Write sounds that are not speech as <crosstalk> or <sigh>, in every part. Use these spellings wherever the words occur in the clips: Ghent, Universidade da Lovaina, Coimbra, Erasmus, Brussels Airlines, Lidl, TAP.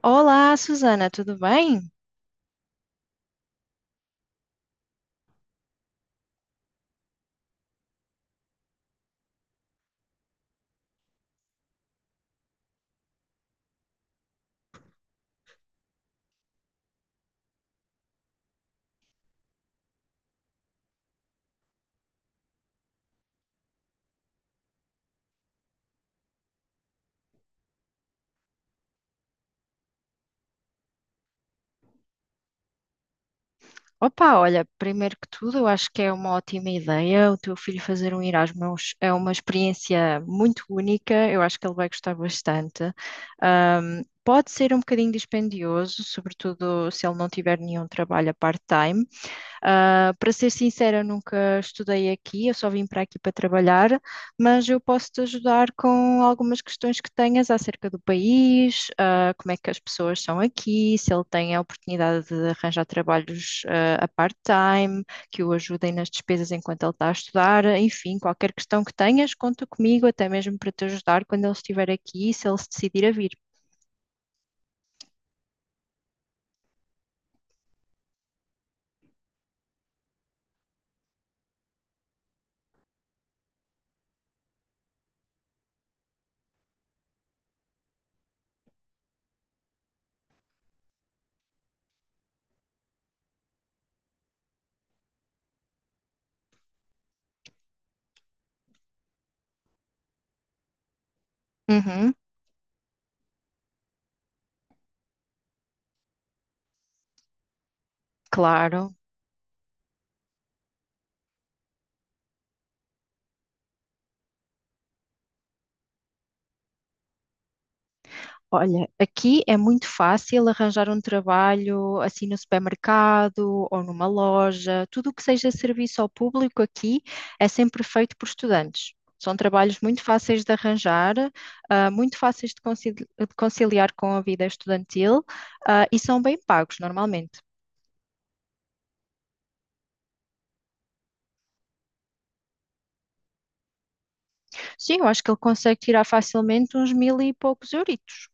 Olá, Susana, tudo bem? Opa, olha, primeiro que tudo, eu acho que é uma ótima ideia o teu filho fazer um Erasmus. É uma experiência muito única, eu acho que ele vai gostar bastante. Pode ser um bocadinho dispendioso, sobretudo se ele não tiver nenhum trabalho a part-time. Para ser sincera, eu nunca estudei aqui, eu só vim para aqui para trabalhar, mas eu posso te ajudar com algumas questões que tenhas acerca do país, como é que as pessoas são aqui, se ele tem a oportunidade de arranjar trabalhos, a part-time, que o ajudem nas despesas enquanto ele está a estudar, enfim, qualquer questão que tenhas, conta comigo, até mesmo para te ajudar quando ele estiver aqui, se ele se decidir a vir. Uhum, claro. Olha, aqui é muito fácil arranjar um trabalho assim no supermercado ou numa loja. Tudo o que seja serviço ao público aqui é sempre feito por estudantes. São trabalhos muito fáceis de arranjar, muito fáceis de de conciliar com a vida estudantil, e são bem pagos normalmente. Sim, eu acho que ele consegue tirar facilmente uns 1000 e poucos euritos.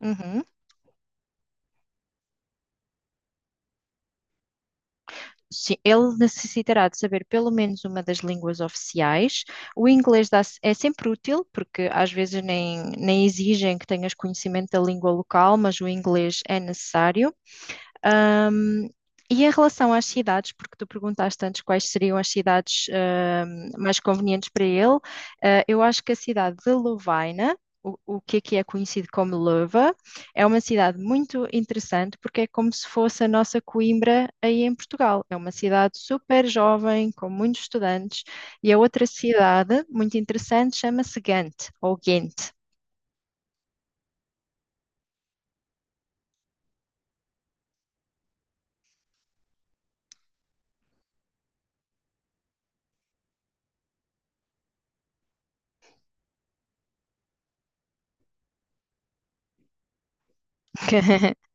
Uhum. Sim, ele necessitará de saber pelo menos uma das línguas oficiais. O é sempre útil, porque às vezes nem exigem que tenhas conhecimento da língua local, mas o inglês é necessário. Um, e em relação às cidades, porque tu perguntaste antes quais seriam as cidades mais convenientes para ele, eu acho que a cidade de Lovaina, o que aqui é conhecido como Leuva, é uma cidade muito interessante porque é como se fosse a nossa Coimbra aí em Portugal. É uma cidade super jovem, com muitos estudantes, e a outra cidade muito interessante chama-se Gante, ou Ghent. <laughs>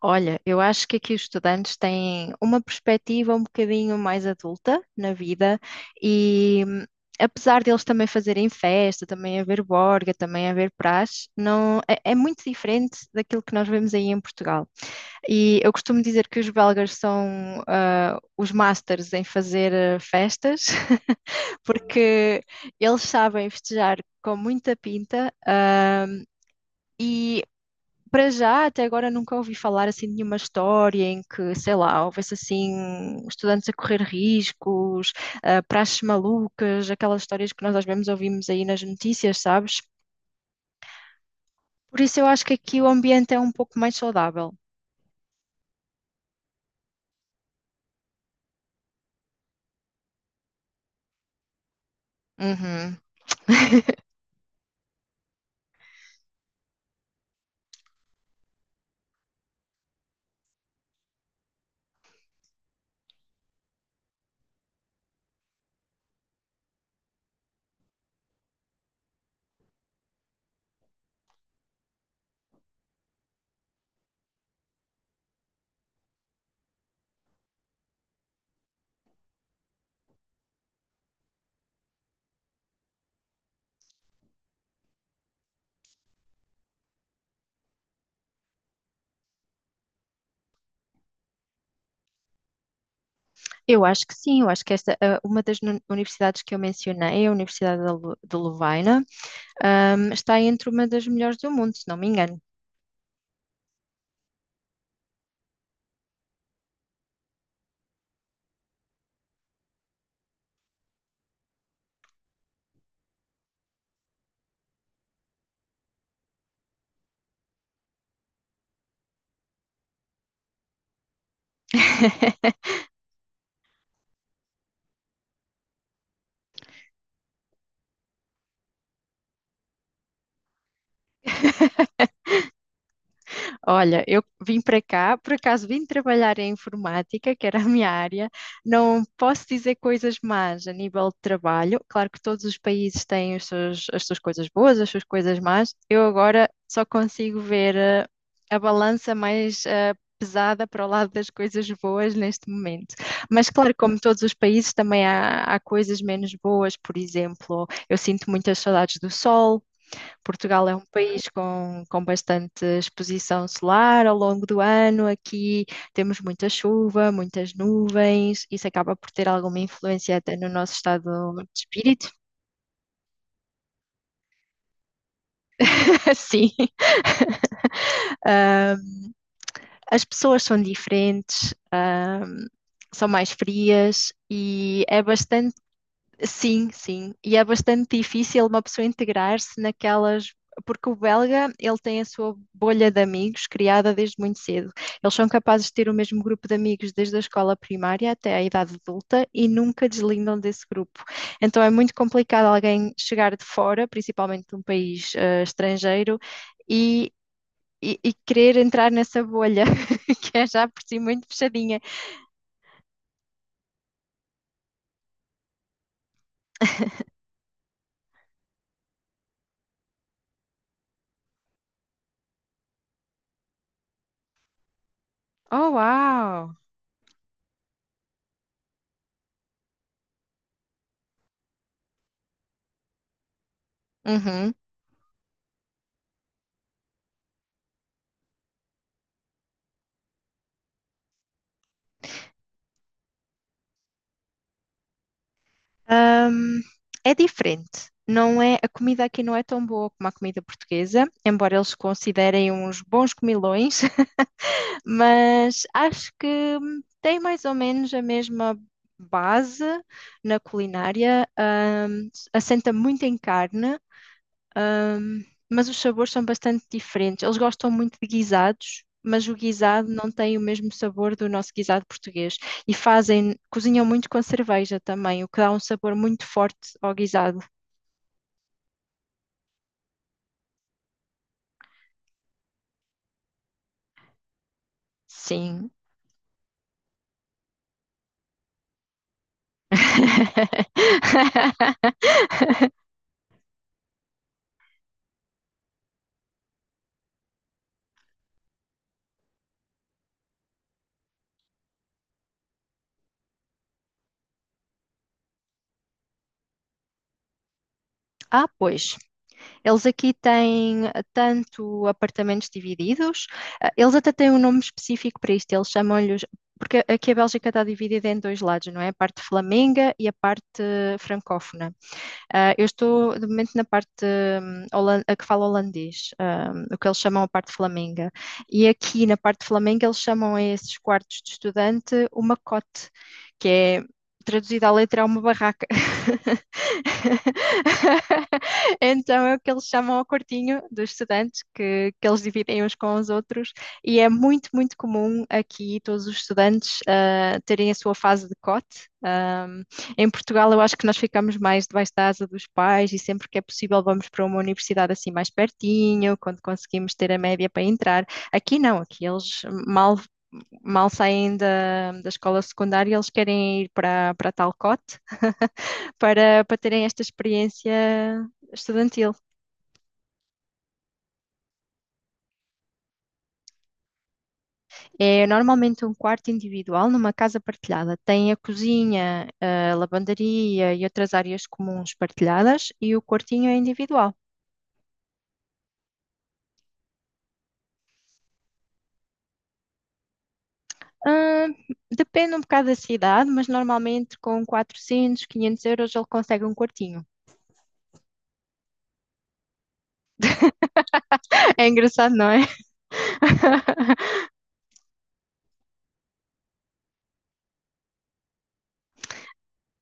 Olha, eu acho que aqui os estudantes têm uma perspectiva um bocadinho mais adulta na vida e apesar deles também fazerem festa, também haver borga, também haver praxe, não, é muito diferente daquilo que nós vemos aí em Portugal. E eu costumo dizer que os belgas são os masters em fazer festas, <laughs> porque eles sabem festejar com muita pinta, e para já, até agora nunca ouvi falar assim de nenhuma história em que, sei lá, houvesse assim estudantes a correr riscos, praxes malucas, aquelas histórias que nós às vezes ouvimos aí nas notícias, sabes? Por isso eu acho que aqui o ambiente é um pouco mais saudável. Uhum. Eu acho que sim, eu acho que esta, ah, uma das universidades que eu mencionei, a Universidade da de Lovaina, está entre uma das melhores do mundo, se não me engano. <laughs> Olha, eu vim para cá, por acaso vim trabalhar em informática, que era a minha área. Não posso dizer coisas más a nível de trabalho. Claro que todos os países têm os as suas coisas boas, as suas coisas más. Eu agora só consigo ver a balança mais pesada para o lado das coisas boas neste momento. Mas claro, como todos os países, também há coisas menos boas. Por exemplo, eu sinto muitas saudades do sol. Portugal é um país com bastante exposição solar ao longo do ano. Aqui temos muita chuva, muitas nuvens. Isso acaba por ter alguma influência até no nosso estado de espírito. <laughs> Sim, as pessoas são diferentes, são mais frias e é bastante. Sim, sim. E é bastante difícil uma pessoa integrar-se naquelas. Porque o belga, ele tem a sua bolha de amigos criada desde muito cedo. Eles são capazes de ter o mesmo grupo de amigos desde a escola primária até a idade adulta e nunca deslindam desse grupo. Então é muito complicado alguém chegar de fora, principalmente de um país estrangeiro, e, e querer entrar nessa bolha, <laughs> que é já por si muito fechadinha. Oh, uau! Uhum. Ahm, É diferente. Não é, a comida aqui não é tão boa como a comida portuguesa, embora eles considerem uns bons comilões, <laughs> mas acho que tem mais ou menos a mesma base na culinária. Assenta muito em carne, mas os sabores são bastante diferentes. Eles gostam muito de guisados, mas o guisado não tem o mesmo sabor do nosso guisado português. E fazem, cozinham muito com cerveja também, o que dá um sabor muito forte ao guisado. Sim. <laughs> Ah, pois. Eles aqui têm tanto apartamentos divididos, eles até têm um nome específico para isto, eles chamam-lhes. Porque aqui a Bélgica está dividida em dois lados, não é? A parte flamenga e a parte francófona. Ah, eu estou, de momento, na parte a que fala holandês, o que eles chamam a parte flamenga. E aqui, na parte flamenga, eles chamam a esses quartos de estudante uma cote, que é, traduzida à letra, é uma barraca. <laughs> Então é o que eles chamam ao quartinho dos estudantes, que eles dividem uns com os outros, e é muito, muito comum aqui todos os estudantes terem a sua fase de cote. Ah, em Portugal, eu acho que nós ficamos mais debaixo da asa dos pais e sempre que é possível vamos para uma universidade assim mais pertinho, quando conseguimos ter a média para entrar. Aqui não, aqui eles mal saem da escola secundária, eles querem ir para tal cote para terem esta experiência estudantil. É normalmente um quarto individual numa casa partilhada. Tem a cozinha, a lavandaria e outras áreas comuns partilhadas e o quartinho é individual. Ah, depende um bocado da cidade, mas normalmente com 400, 500 euros ele consegue um quartinho. <laughs> É engraçado, não é?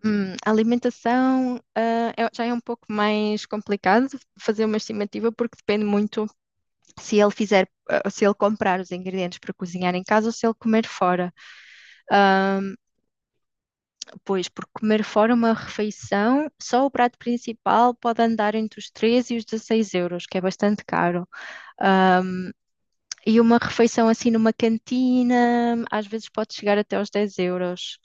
A alimentação, já é um pouco mais complicado fazer uma estimativa porque depende muito se ele se ele comprar os ingredientes para cozinhar em casa ou se ele comer fora. Pois, porque comer fora uma refeição, só o prato principal pode andar entre os 13 e os 16 euros, que é bastante caro. E uma refeição assim numa cantina, às vezes pode chegar até aos 10 euros.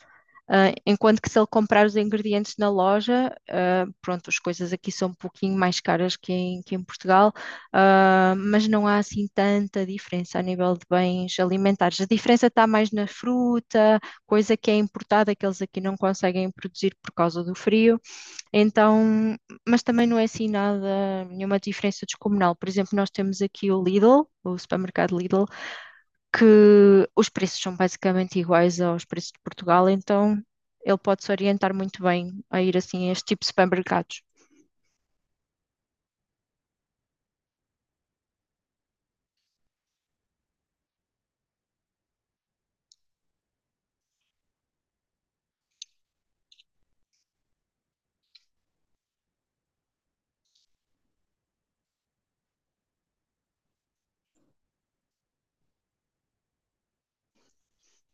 Enquanto que se ele comprar os ingredientes na loja, ah, pronto, as coisas aqui são um pouquinho mais caras que em Portugal, mas não há assim tanta diferença a nível de bens alimentares. A diferença está mais na fruta, coisa que é importada, que eles aqui não conseguem produzir por causa do frio. Então, mas também não é assim nada, nenhuma diferença descomunal. Por exemplo, nós temos aqui o Lidl, o supermercado Lidl que os preços são basicamente iguais aos preços de Portugal, então ele pode se orientar muito bem a ir assim a este tipo de supermercados.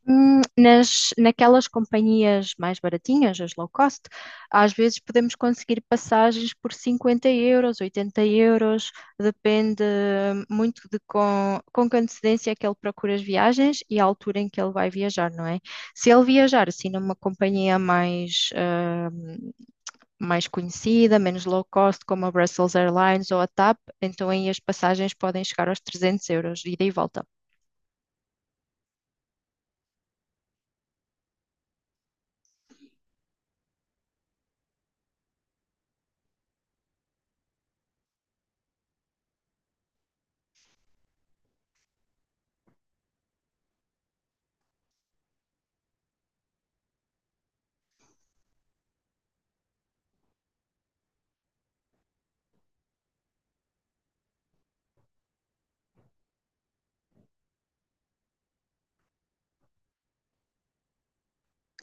Naquelas companhias mais baratinhas, as low cost, às vezes podemos conseguir passagens por 50 euros, 80 euros, depende muito de com que antecedência é que ele procura as viagens e a altura em que ele vai viajar, não é? Se ele viajar assim numa companhia mais, mais conhecida, menos low cost, como a Brussels Airlines ou a TAP, então aí as passagens podem chegar aos 300 euros, ida e volta.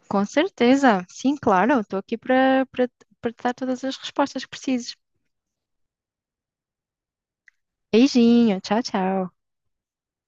Com certeza, sim, claro, estou aqui para te dar todas as respostas que precises. Beijinho, tchau, tchau.